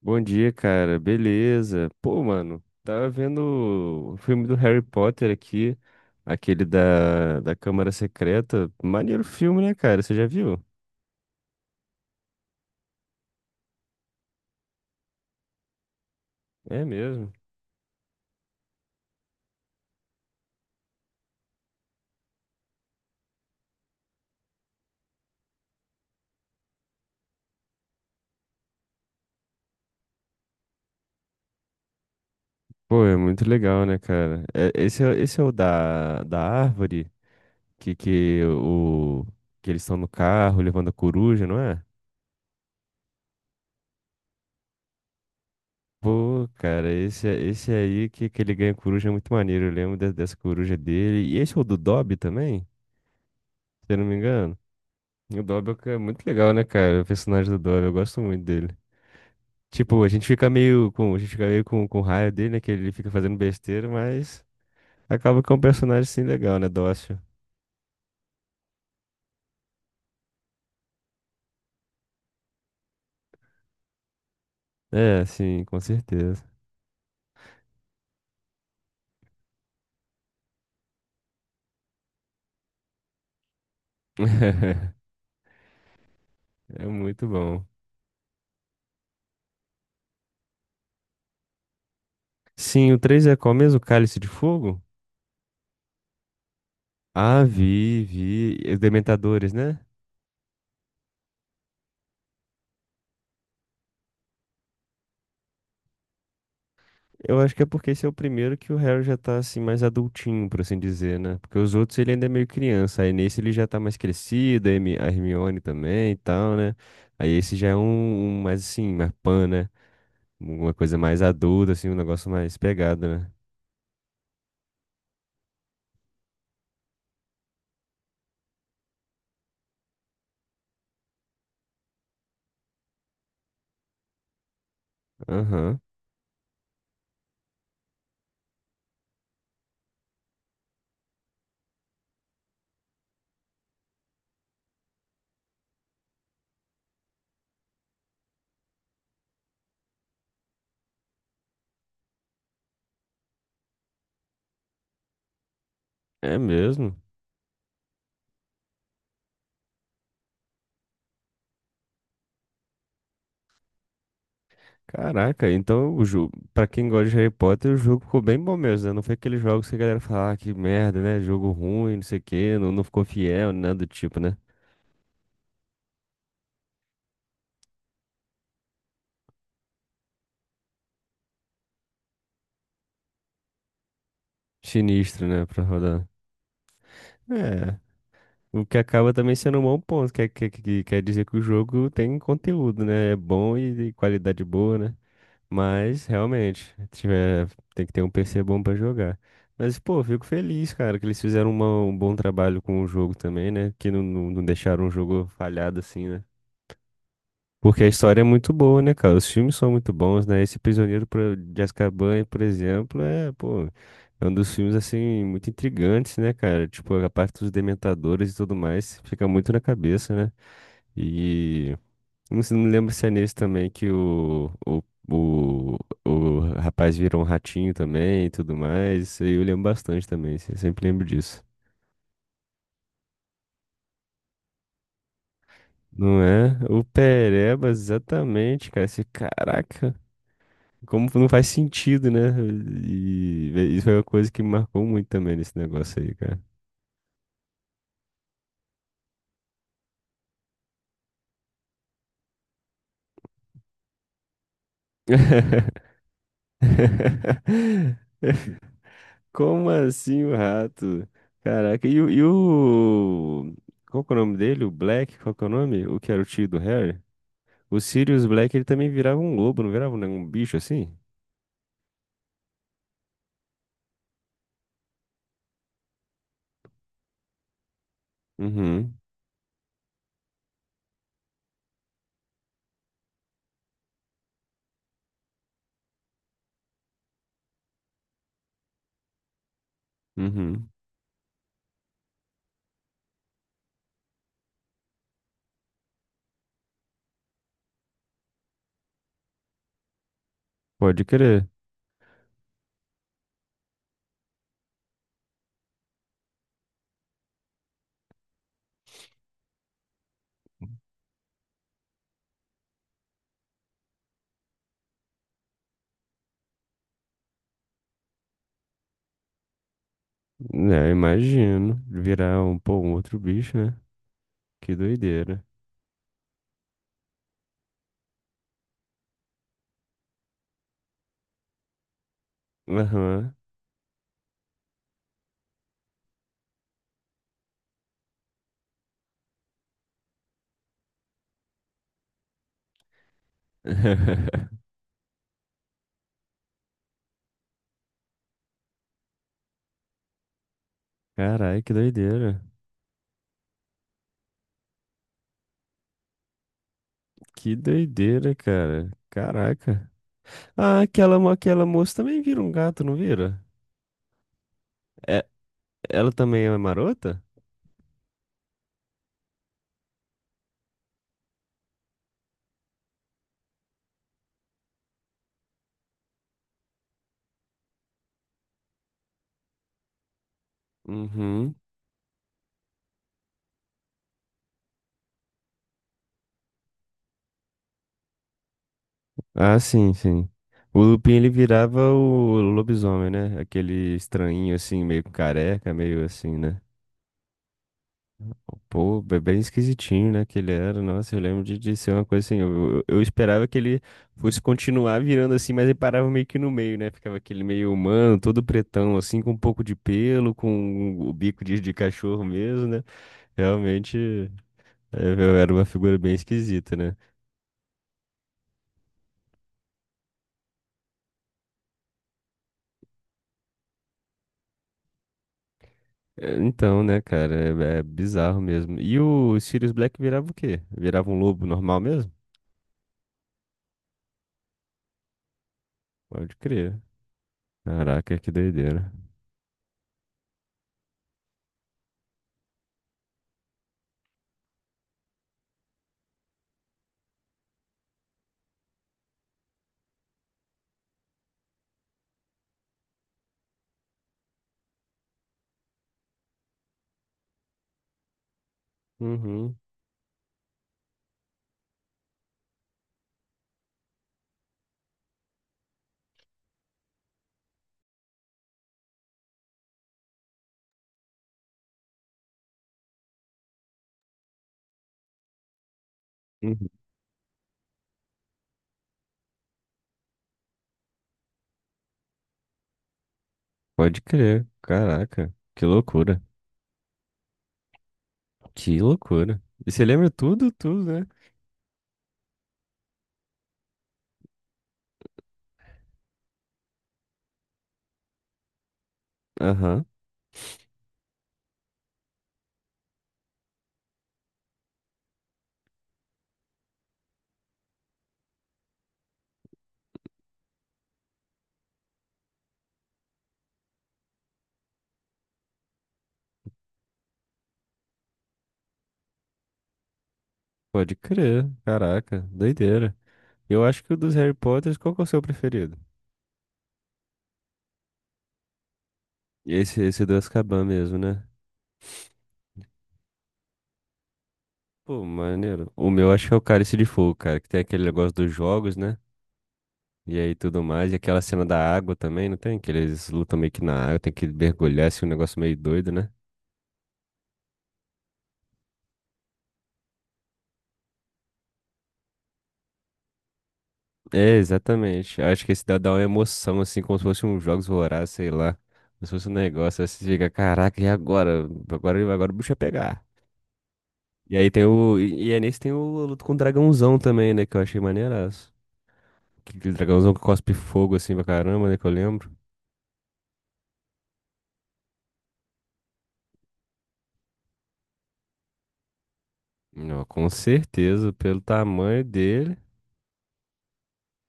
Bom dia, cara. Beleza. Pô, mano, tava vendo o filme do Harry Potter aqui, aquele da Câmara Secreta. Maneiro filme, né, cara? Você já viu? É mesmo. Pô, é muito legal, né, cara? Esse é o da árvore que, que, o, que eles estão no carro levando a coruja, não é? Pô, cara, esse aí que ele ganha coruja é muito maneiro. Eu lembro dessa coruja dele. E esse é o do Dobby também, se eu não me engano. O Dobby é muito legal, né, cara? O personagem do Dobby, eu gosto muito dele. Tipo, a gente fica meio com raio dele, né? Que ele fica fazendo besteira, mas acaba que é um personagem, sim, legal, né? Dócil. É, sim, com certeza. É muito bom. Sim, o 3 é qual mesmo? Cálice de Fogo? Ah, vi, vi. E Os Dementadores, né? Eu acho que é porque esse é o primeiro que o Harry já tá assim mais adultinho, por assim dizer, né? Porque os outros ele ainda é meio criança, aí nesse ele já tá mais crescido, a a Hermione também e tal, né? Aí esse já é um, um mais assim, mais pan, né? Uma coisa mais adulta, assim, um negócio mais pegado, né? Aham. É mesmo? Caraca, então o jogo, pra quem gosta de Harry Potter, o jogo ficou bem bom mesmo, né? Não foi aqueles jogos que a galera fala, ah, que merda, né? Jogo ruim, não sei o quê, não, não ficou fiel, nada do tipo, né? Sinistro, né, pra rodar. É, o que acaba também sendo um bom ponto, que quer dizer que o jogo tem conteúdo, né? É bom e de qualidade boa, né? Mas, realmente, tiver, tem que ter um PC bom pra jogar. Mas, pô, fico feliz, cara, que eles fizeram um bom trabalho com o jogo também, né? Que não deixaram o jogo falhado assim, né? Porque a história é muito boa, né, cara? Os filmes são muito bons, né? Esse Prisioneiro de Azkaban, por exemplo, é, pô, é um dos filmes, assim, muito intrigantes, né, cara? Tipo, a parte dos dementadores e tudo mais fica muito na cabeça, né? E não me lembro se é nesse também que o, o rapaz virou um ratinho também e tudo mais. Isso aí eu lembro bastante também, assim, eu sempre lembro disso. Não é? O Perebas, exatamente, cara. Esse, caraca. Como não faz sentido, né? E isso foi uma coisa que me marcou muito também nesse negócio aí, cara. Como assim o rato? Caraca, qual que é o nome dele? O Black? Qual que é o nome? O que era o tio do Harry? O Sirius Black, ele também virava um lobo, não virava, né? Um bicho assim? Uhum, uhum. Pode crer. É, imagino. Virar um, pô, um outro bicho, né? Que doideira. Aham. Carai, que doideira. Que doideira, cara. Caraca. Ah, aquela moça também vira um gato, não vira? É, ela também é marota? Uhum. Ah, sim, sim. O Lupin, ele virava o lobisomem, né? Aquele estranhinho, assim, meio careca, meio assim, né? Pô, bem esquisitinho, né, que ele era. Nossa, eu lembro de ser uma coisa assim. Eu esperava que ele fosse continuar virando assim, mas ele parava meio que no meio, né? Ficava aquele meio humano, todo pretão, assim, com um pouco de pelo, com o bico de cachorro mesmo, né? Realmente, é, eu era uma figura bem esquisita, né? É, então, né, cara, é bizarro mesmo. E o Sirius Black virava o quê? Virava um lobo normal mesmo? Pode crer. Caraca, que doideira. Uhum, uhum. Pode crer. Caraca, que loucura. Que loucura. E você lembra tudo, tudo, né? Aham, pode crer. Caraca, doideira. Eu acho que o dos Harry Potters, qual que é o seu preferido? Esse do Azkaban mesmo, né? Pô, maneiro. O meu acho que é o Cálice de Fogo, cara, que tem aquele negócio dos jogos, né? E aí tudo mais. E aquela cena da água também, não tem? Que eles lutam meio que na água, tem que mergulhar, assim, um negócio meio doido, né? É, exatamente. Acho que esse dá uma emoção, assim, como se fosse um Jogos Vorazes, sei lá. Como se fosse um negócio, aí você fica, caraca, e agora? Agora o bicho vai pegar. E aí nesse tem o luto com o dragãozão também, né? Que eu achei maneiraço. Que- aquele dragãozão que cospe fogo assim pra caramba, né? Que eu lembro. Não, com certeza, pelo tamanho dele.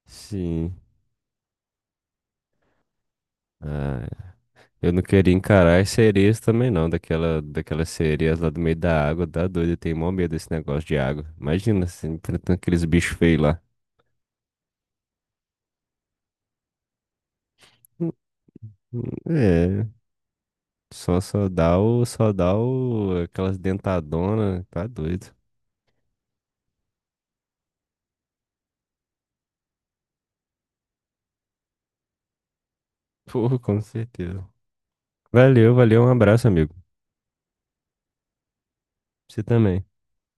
Sim. Ah, eu não queria encarar as sereias também, não. Daquelas sereias lá do meio da água. Dá doido, eu tenho mó medo desse negócio de água. Imagina, assim, enfrentando aqueles bichos feios lá. Hum, É, só dá o, aquelas dentadonas. Tá doido. Porra, com certeza. Valeu, valeu, um abraço, amigo. Você também.